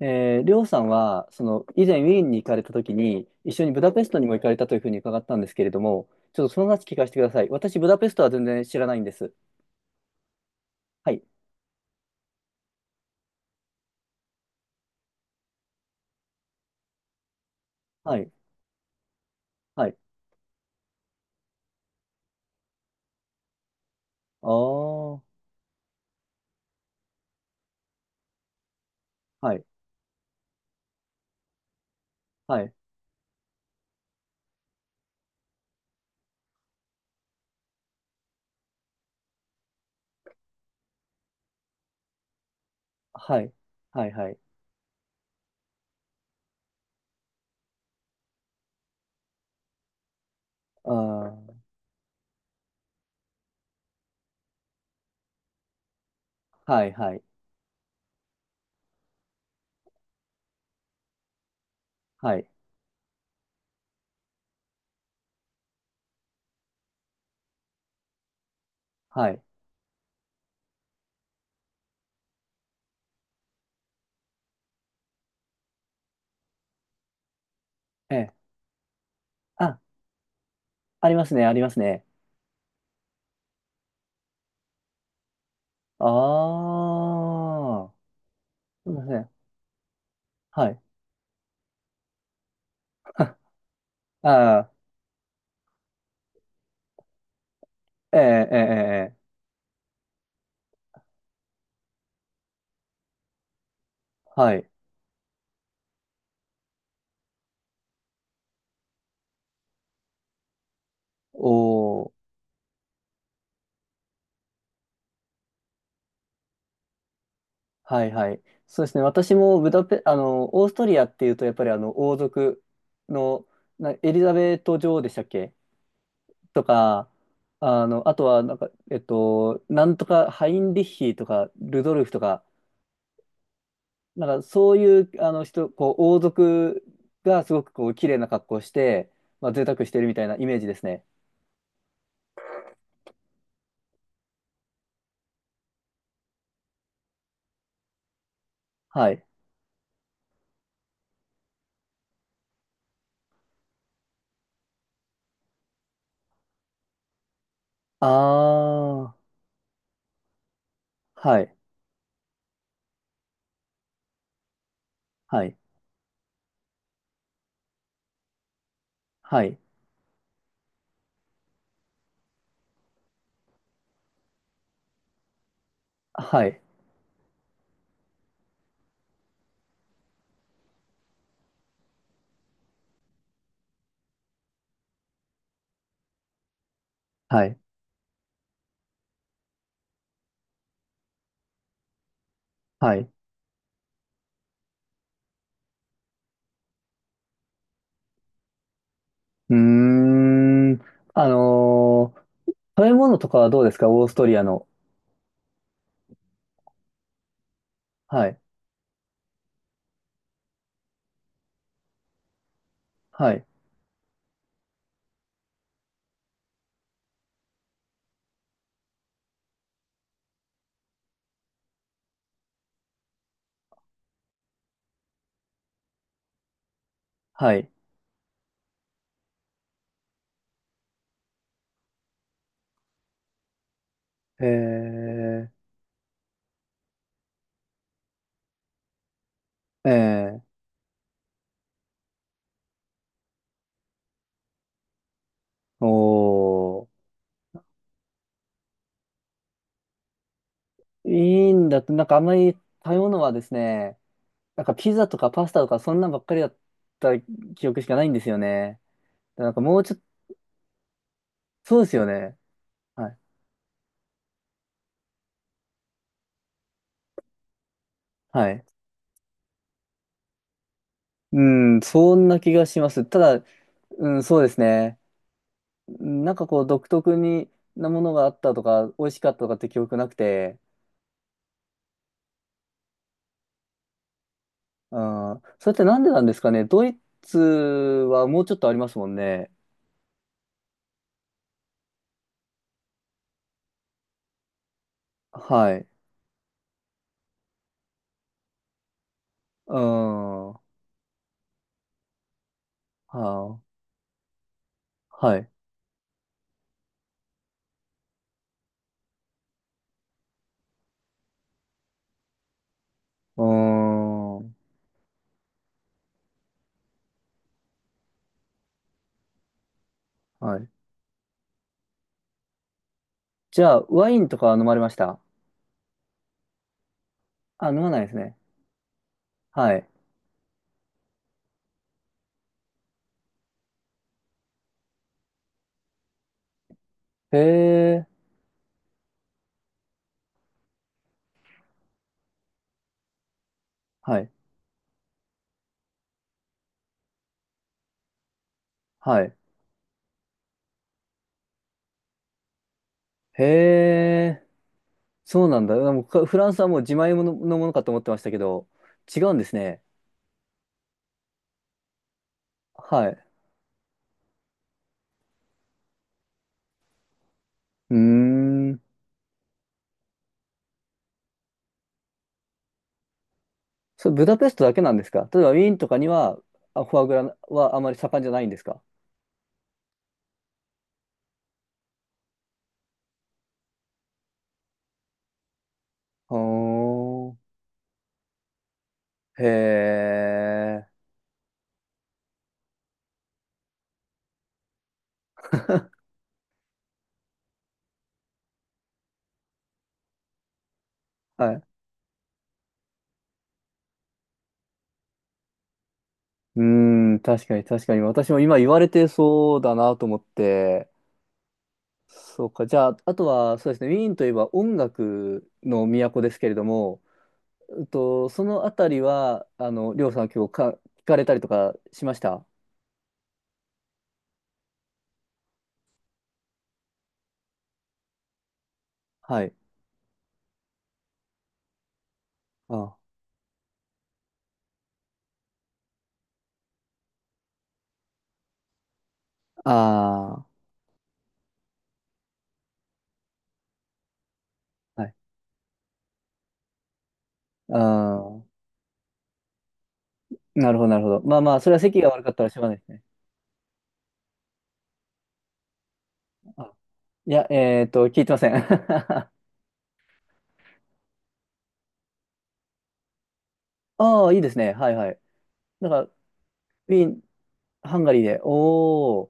りょうさんは、以前ウィーンに行かれたときに、一緒にブダペストにも行かれたというふうに伺ったんですけれども、ちょっとその話聞かせてください。私、ブダペストは全然知らないんです。はい、はい、はい。ああ、はい、はい、はい、はい、はい。あー、はい、はい、はい、はい。ええ。あ、ありますね、ありますね。ああ、すみません。はい。ああ、ええ、ええ、ええ。はい。おー。はいはい。そうですね。私もブダペ、オーストリアっていうと、やっぱり王族の、な、エリザベート女王でしたっけとか、あとは、なんか、なんとか、ハインリッヒとか、ルドルフとか、なんか、そういう、あの人、こう、王族がすごく、こう、綺麗な格好をして、まあ、贅沢してるみたいなイメージですね。はい。ああ、はい、はい、はい、はい、はい、はい。うーん。あのー食べ物とかはどうですか、オーストリアの。はい。はい。はい。えー、えー、おー。いいんだって、なんかあんまり食べ物はですね、なんかピザとかパスタとかそんなんばっかりだった記憶しかないんですよね。なんかもうちょっと、そうですよね。はい。はい。うん、そんな気がします。ただ、うん、そうですね。うん、なんかこう独特になものがあったとか、美味しかったとかって記憶なくて、ああ、それってなんでなんですかね。ドイツはもうちょっとありますもんね。はい。うん。はあ、はい。うん。はい。じゃあ、ワインとかは飲まれました？あ、飲まないですね。はい。へえ。はい。はい。へえ。そうなんだ。でもかフランスはもう自前もののものかと思ってましたけど、違うんですね。はい。うーん。それ、ブダペストだけなんですか？例えば、ウィーンとかには、あ、フォアグラはあまり盛んじゃないんですか？おー、へえ、はい。うーん、確かに確かに。私も今言われてそうだなと思って。そうか。じゃあ、あとは、そうですね。ウィーンといえば音楽の都ですけれども、うんと、そのあたりは、りょうさん今日か、聞かれたりとかしました？はい。ああー、はい。あー、なるほど、なるほど。まあまあ、それは席が悪かったらしょうがないですね。あ、いや、聞いてません。ああ、いいですね。はいはい。なんか、ウィーン、ハンガリーで、おー、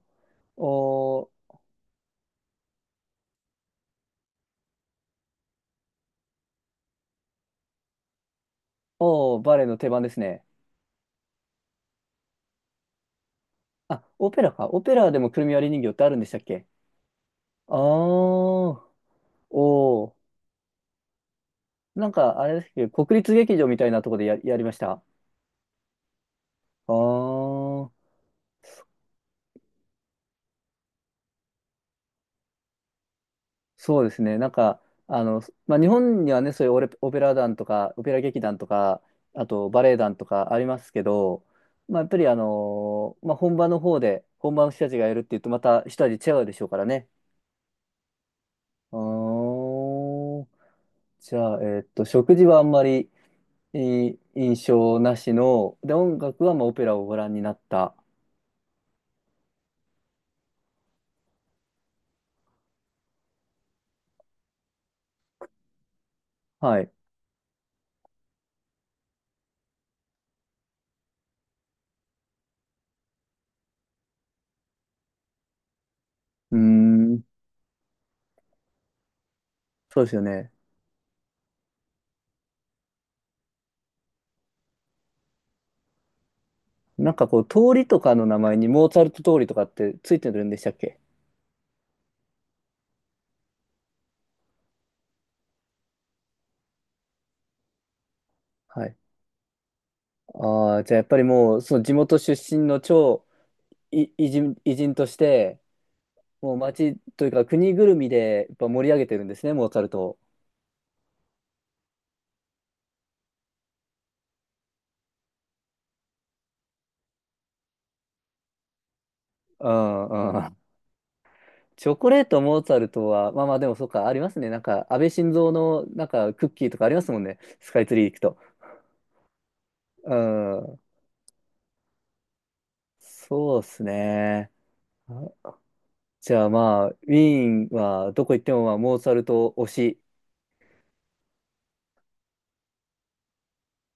おー、おー、バレエの定番ですね。あ、オペラか。オペラでもくるみ割り人形ってあるんでしたっけ？あー、おー。なんか、あれですけど、国立劇場みたいなとこでや、やりました。あー、そうですね。なんか、あの、まあ、日本にはね、そういうオレ、オペラ団とか、オペラ劇団とか、あとバレエ団とかありますけど、まあ、やっぱりまあ、本場の方で、本場の人たちがやるっていうと、また一味違うでしょうからね。あー、じゃあ、食事はあんまりいい印象なしの、で、音楽はまあオペラをご覧になった。はい。うーん、そうですよね。なんかこう、通りとかの名前にモーツァルト通りとかってついてるんでしたっけ？はい。ああ、じゃあやっぱりもう、その地元出身の超い偉人、偉人として、もう町というか国ぐるみでやっぱ盛り上げてるんですね、モーツァルトを。うんうん。チョコレートモーツァルトは、まあまあでもそうか、ありますね。なんか、安倍晋三の、なんか、クッキーとかありますもんね。スカイツリー行くと。うん。そうですね。あ、じゃあまあ、ウィーンはどこ行っても、まあ、モーツァルト推し